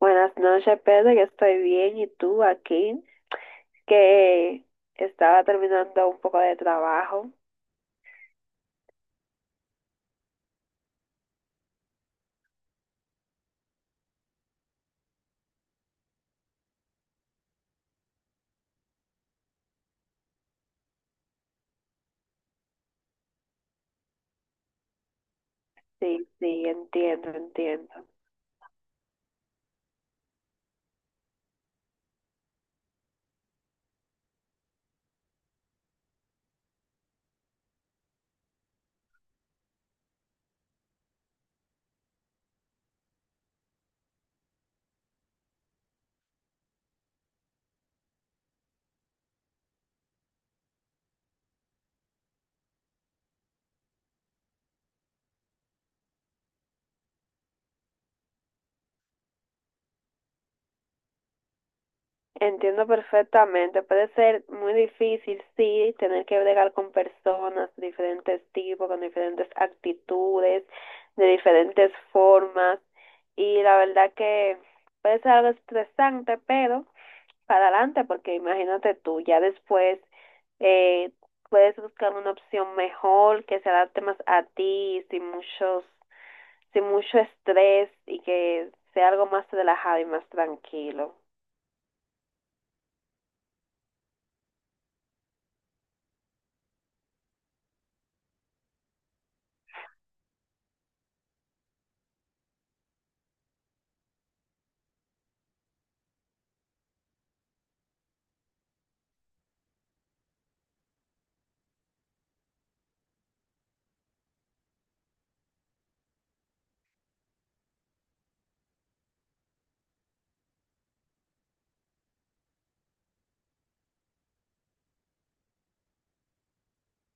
Buenas noches, Pedro. Yo estoy bien. ¿Y tú, aquí? Que estaba terminando un poco de trabajo. Sí, sí, entiendo, entiendo. Entiendo perfectamente. Puede ser muy difícil, sí, tener que bregar con personas de diferentes tipos, con diferentes actitudes, de diferentes formas. Y la verdad que puede ser algo estresante, pero para adelante, porque imagínate tú, ya después eh, puedes buscar una opción mejor que se adapte más a ti, sin muchos, sin mucho estrés y que sea algo más relajado y más tranquilo.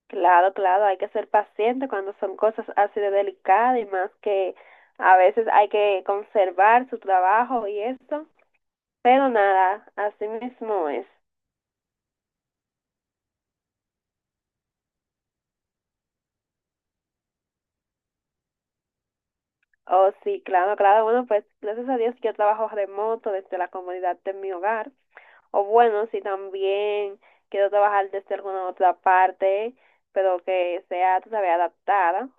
Claro, claro, hay que ser paciente cuando son cosas así de delicadas y más que a veces hay que conservar su trabajo y eso, pero nada, así mismo es. Oh, sí, claro, claro. Bueno, pues gracias a Dios yo trabajo remoto desde la comodidad de mi hogar. O bueno, si también quiero trabajar desde alguna otra parte, pero que sea, tú sabes, adaptada,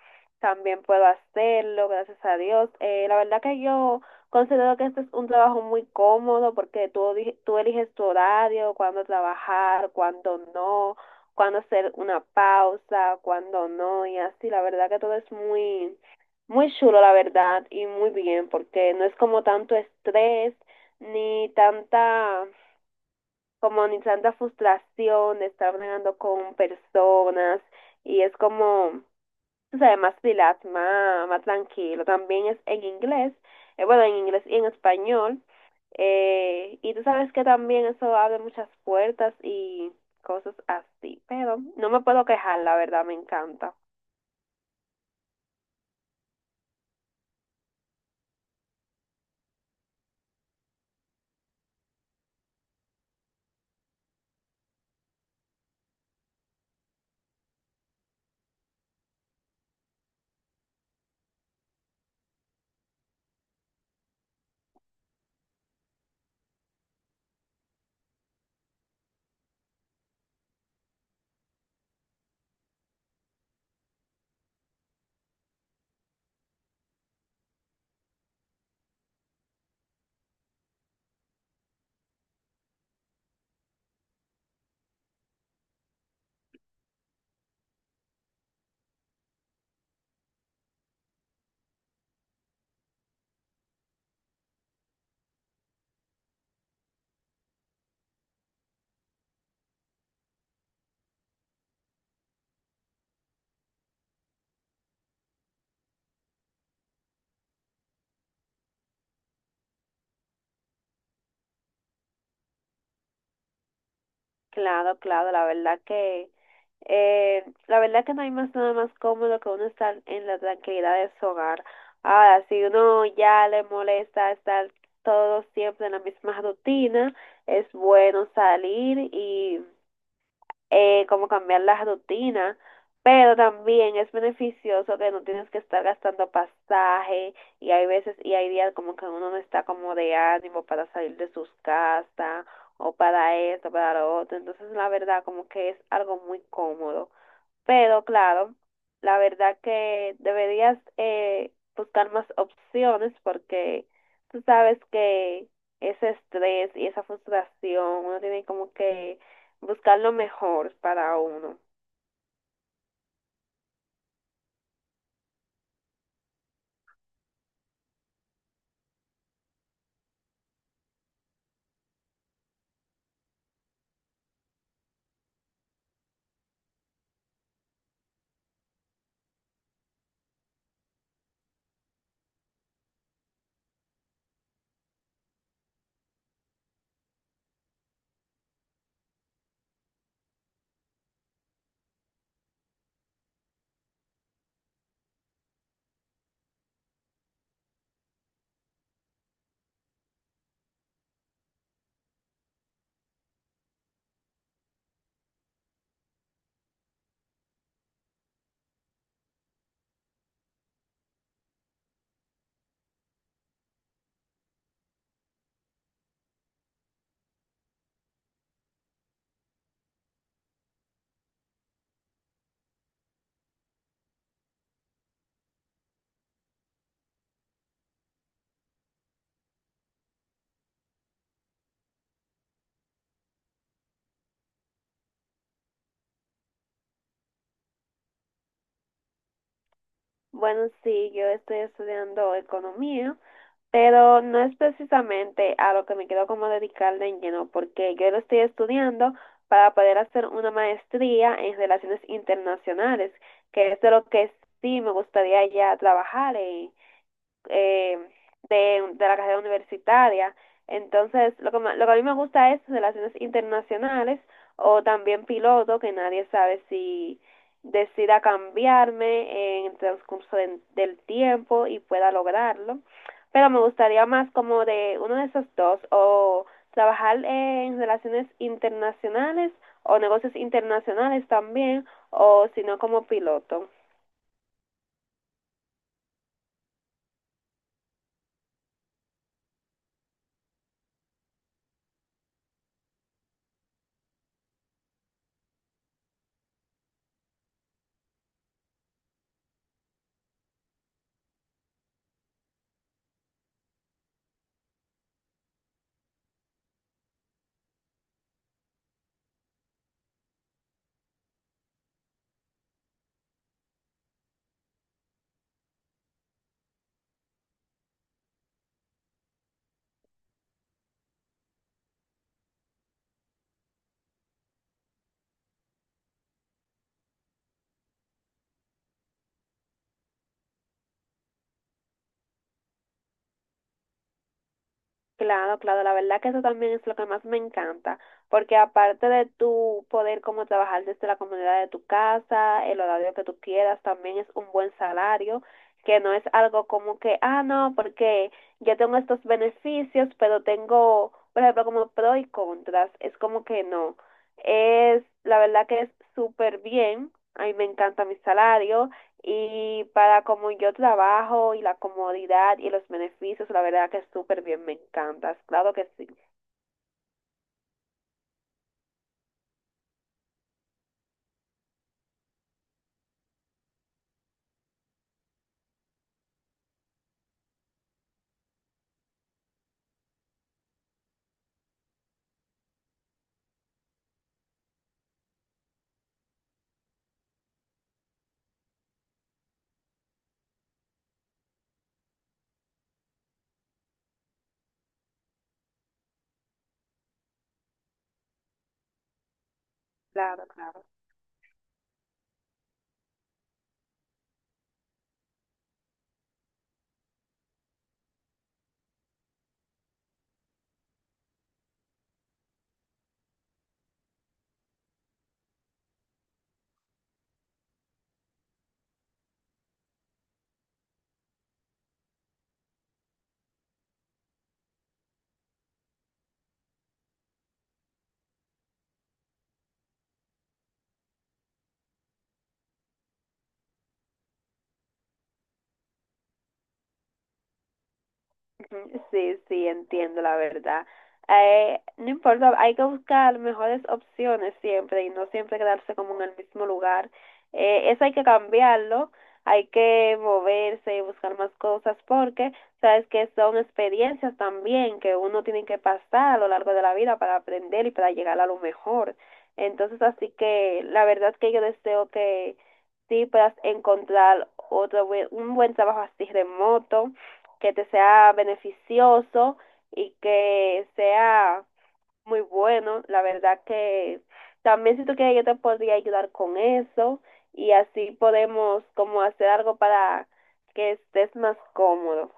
también puedo hacerlo, gracias a Dios. La verdad que yo considero que este es un trabajo muy cómodo porque tú, tú eliges tu horario, cuándo trabajar, cuándo no, cuándo hacer una pausa, cuándo no, y así. La verdad que todo es muy, muy chulo, la verdad, y muy bien, porque no es como tanto estrés ni tanta comunicando frustración, de estar bregando con personas y es como, tú sabes, más relax, más, más tranquilo. También es en inglés, bueno, en inglés y en español. Y tú sabes que también eso abre muchas puertas y cosas así, pero no me puedo quejar, la verdad, me encanta. Claro, claro, la verdad que no hay más nada más cómodo que uno estar en la tranquilidad de su hogar. Ahora, si uno ya le molesta estar todo siempre en la misma rutina, es bueno salir y como cambiar la rutina, pero también es beneficioso que no tienes que estar gastando pasaje y hay veces y hay días como que uno no está como de ánimo para salir de sus casas o para esto, para lo otro, entonces la verdad como que es algo muy cómodo. Pero claro, la verdad que deberías buscar más opciones porque tú sabes que ese estrés y esa frustración, uno tiene como que buscar lo mejor para uno. Bueno, sí, yo estoy estudiando economía, pero no es precisamente a lo que me quiero como dedicar de lleno, porque yo lo estoy estudiando para poder hacer una maestría en relaciones internacionales, que es de lo que sí me gustaría ya trabajar. Eh, de, de la carrera universitaria. Entonces, lo que, lo que a mí me gusta es relaciones internacionales o también piloto, que nadie sabe si decida cambiarme en el transcurso del tiempo y pueda lograrlo. Pero me gustaría más como de uno de esos dos, o trabajar en relaciones internacionales o negocios internacionales también, o si no como piloto. Claro, claro, la verdad que eso también es lo que más me encanta, porque aparte de tu poder como trabajar desde la comodidad de tu casa, el horario que tú quieras, también es un buen salario, que no es algo como que, ah, no, porque yo tengo estos beneficios, pero tengo, por ejemplo, como pro y contras, es como que no, es, la verdad que es súper bien, a mí me encanta mi salario, y para como yo trabajo y la comodidad y los beneficios, la verdad que súper bien, me encantas. Claro que sí. Claro, claro. Ujú, sí, sí, entiendo la verdad. No importa, hay que buscar mejores opciones siempre y no siempre quedarse como en el mismo lugar. Eso hay que cambiarlo, hay que moverse y buscar más cosas porque sabes que son experiencias también que uno tiene que pasar a lo largo de la vida para aprender y para llegar a lo mejor. Entonces, así que la verdad que yo deseo que sí puedas encontrar un buen trabajo así remoto, que te sea beneficioso y que sea muy bueno. La verdad que también si tú quieres yo te podría ayudar con eso y así podemos como hacer algo para que estés más cómodo.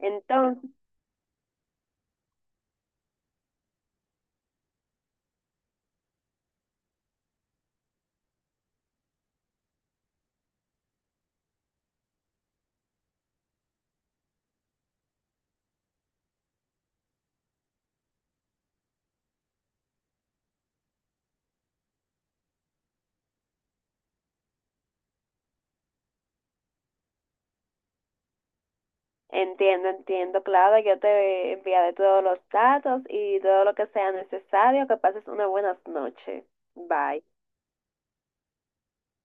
Entonces, entiendo, entiendo, claro, yo te enviaré todos los datos y todo lo que sea necesario. Que pases unas buenas noches. Bye.